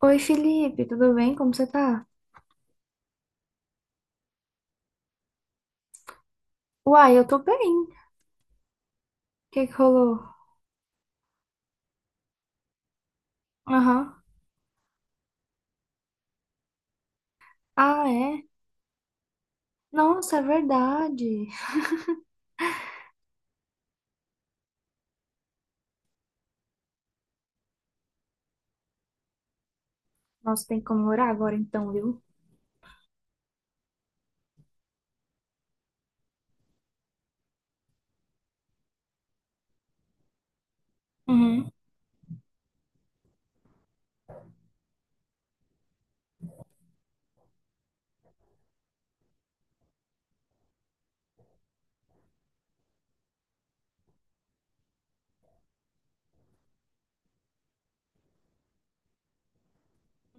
Oi, Felipe, tudo bem? Como você tá? Uai, eu tô bem. O que que rolou? Aham. Ah, é? Nossa, é verdade. Nossa, tem que comemorar agora então, viu? Uhum.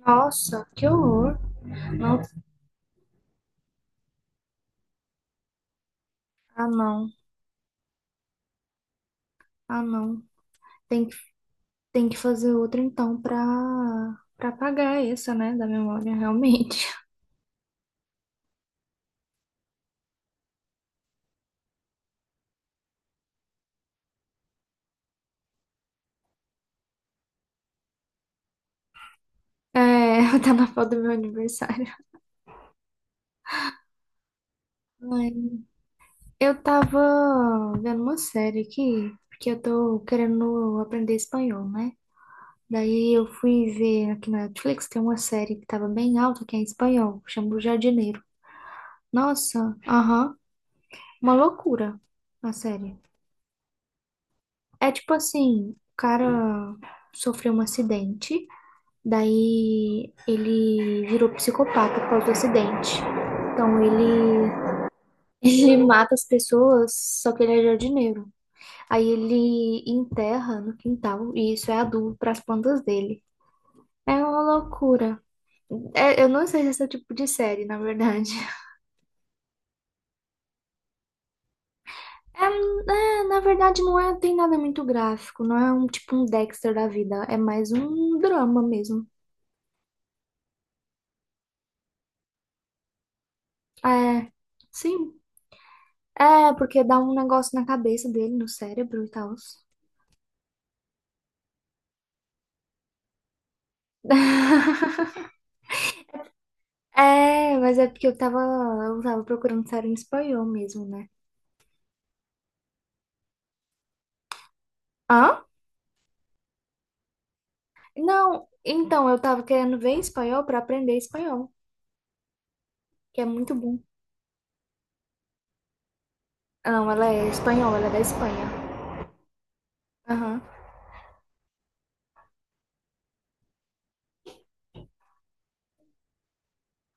Nossa, que horror. Não, ah, não. Ah, não. Tem que, tem que fazer outra então pra apagar essa, né, da memória, realmente. É, tá na foto do meu aniversário. Ai, eu tava vendo uma série aqui, porque eu tô querendo aprender espanhol, né? Daí eu fui ver aqui na Netflix, tem uma série que tava bem alta, que é em espanhol, chama O Jardineiro. Nossa, aham, uma loucura a série. É tipo assim, o cara sofreu um acidente, daí ele virou psicopata por causa do acidente. Então ele, ele mata as pessoas, só que ele é jardineiro. Aí ele enterra no quintal, e isso é adubo para as plantas dele. É uma loucura. É, eu não sei se esse é o tipo de série, na verdade. É, é, na verdade, não é, tem nada muito gráfico. Não é um tipo um Dexter da vida. É mais um drama mesmo. É, sim. É, porque dá um negócio na cabeça dele, no cérebro e tal. É, mas é porque eu tava procurando série em espanhol mesmo, né? Hã? Não, então, eu tava querendo ver espanhol pra aprender espanhol, que é muito bom. Não, ela é espanhola. Ela é da Espanha. Aham.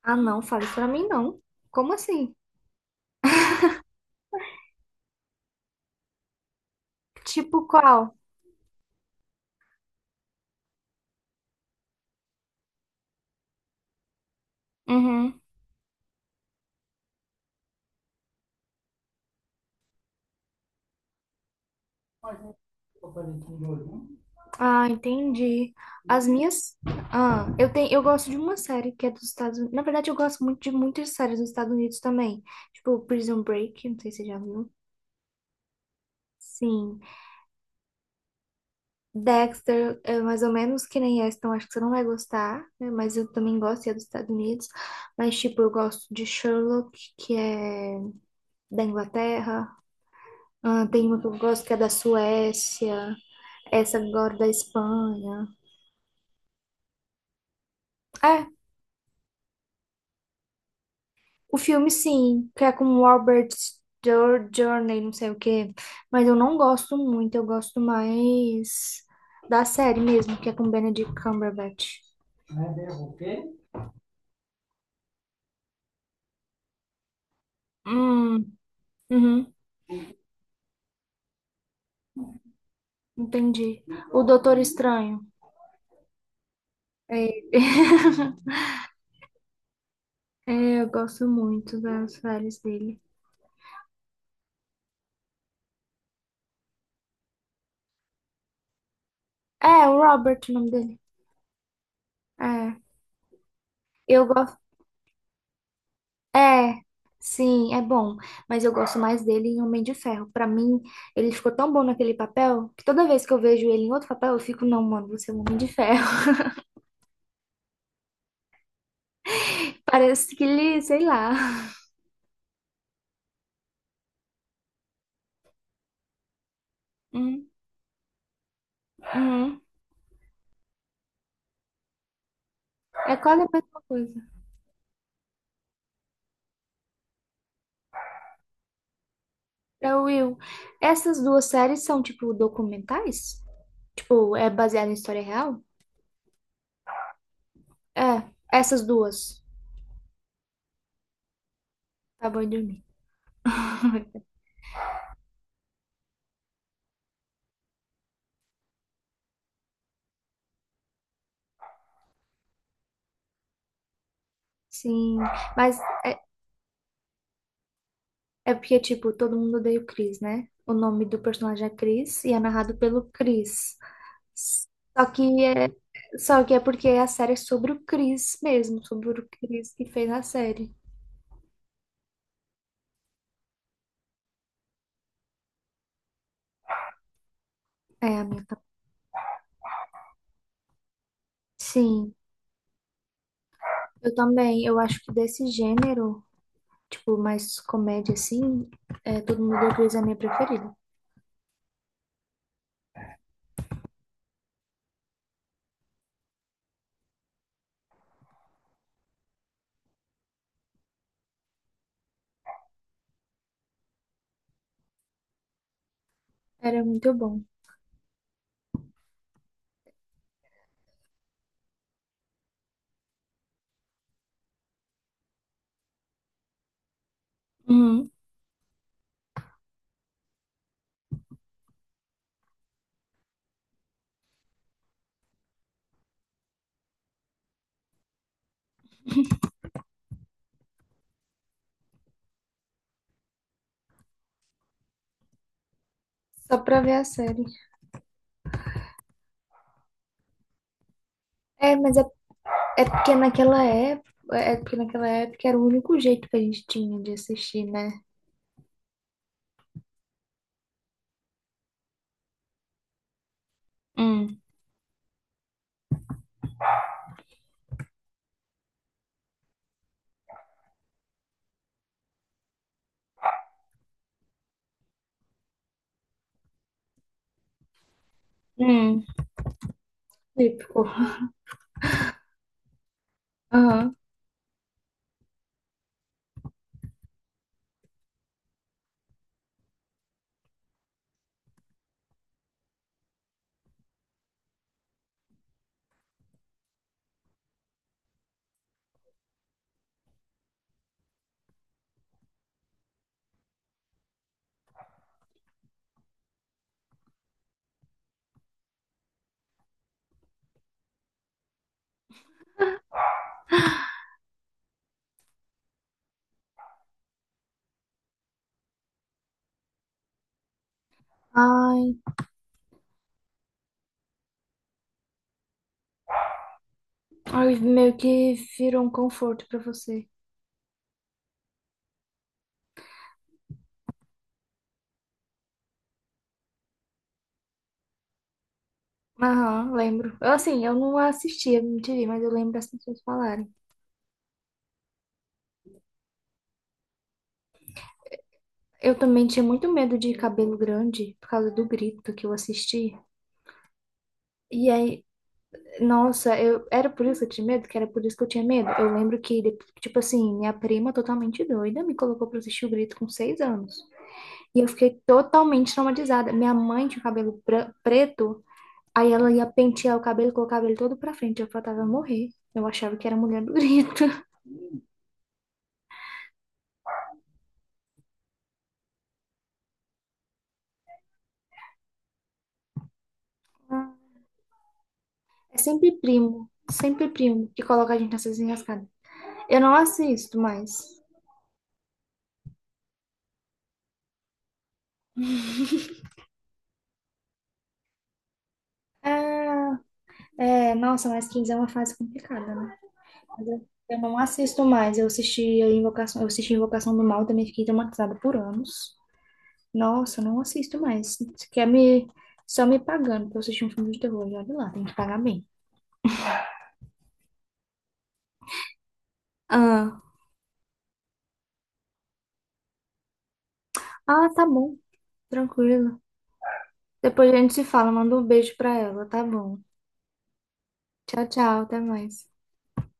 Ah, não, fala isso pra mim não. Como assim? Tipo qual? Uhum. Ah, entendi. As minhas. Ah, eu tenho, eu gosto de uma série que é dos Estados Unidos. Na verdade, eu gosto muito de muitas séries dos Estados Unidos também. Tipo Prison Break, não sei se você já viu. Sim. Dexter, é mais ou menos que nem essa, então acho que você não vai gostar, né? Mas eu também gosto, e é dos Estados Unidos. Mas, tipo, eu gosto de Sherlock, que é da Inglaterra. Ah, tem uma que eu gosto que é da Suécia. Essa agora da Espanha. É, o filme sim, que é com o Robert Journey, não sei o quê. Mas eu não gosto muito, eu gosto mais da série mesmo, que é com Benedict Cumberbatch. Quê? Hum, uhum, entendi. O Doutor Estranho. É, é, eu gosto muito das séries dele. É, o Robert, o nome dele. É, eu gosto. É, sim, é bom, mas eu gosto mais dele em Homem de Ferro. Pra mim, ele ficou tão bom naquele papel que toda vez que eu vejo ele em outro papel, eu fico, não, mano, você é um Homem de Ferro. Parece que ele, sei lá. Hum, hum. É quase a mesma coisa. É o Will. Essas duas séries são tipo documentais? Tipo, é baseado em história real? É, essas duas. Tá bom de dormir. Sim, mas é porque, tipo, todo mundo odeia o Chris, né? O nome do personagem é Chris e é narrado pelo Chris. Só que é, só que é porque a série é sobre o Chris mesmo, sobre o Chris que fez a série. É, a minha. Sim, eu também. Eu acho que desse gênero, tipo, mais comédia assim, é, Todo Mundo Odeia o Chris é a minha preferida. Era muito bom. Uhum. Só pra ver a série. É, mas é, é porque naquela época era o único jeito que a gente tinha de assistir, né? Hum. Hum, típico. Aham. Ai, ai, meio que virou um conforto pra você. Aham, lembro. Eu, assim, eu não assistia MTV, mas eu lembro as pessoas falarem. Eu também tinha muito medo de cabelo grande por causa do grito que eu assisti. E aí, nossa, eu era por isso que eu tinha medo, que era por isso que eu tinha medo. Eu lembro que, tipo assim, minha prima totalmente doida me colocou pra assistir o grito com 6 anos. E eu fiquei totalmente traumatizada. Minha mãe tinha cabelo preto. Aí ela ia pentear o cabelo, colocava ele todo pra frente, eu faltava morrer. Eu achava que era mulher do grito. É sempre primo que coloca a gente nessas enrascadas. Eu não assisto mais. É, nossa, mas 15 é uma fase complicada, né? Mas eu não assisto mais. Eu assisti a Invocação, eu assisti Invocação do Mal, também fiquei traumatizada por anos. Nossa, eu não assisto mais. Você quer me só me pagando pra eu assistir um filme de terror, e olha lá, tem que pagar bem. Ah, ah, tá bom, tranquilo. Depois a gente se fala, manda um beijo pra ela, tá bom? Tchau, tchau, até mais.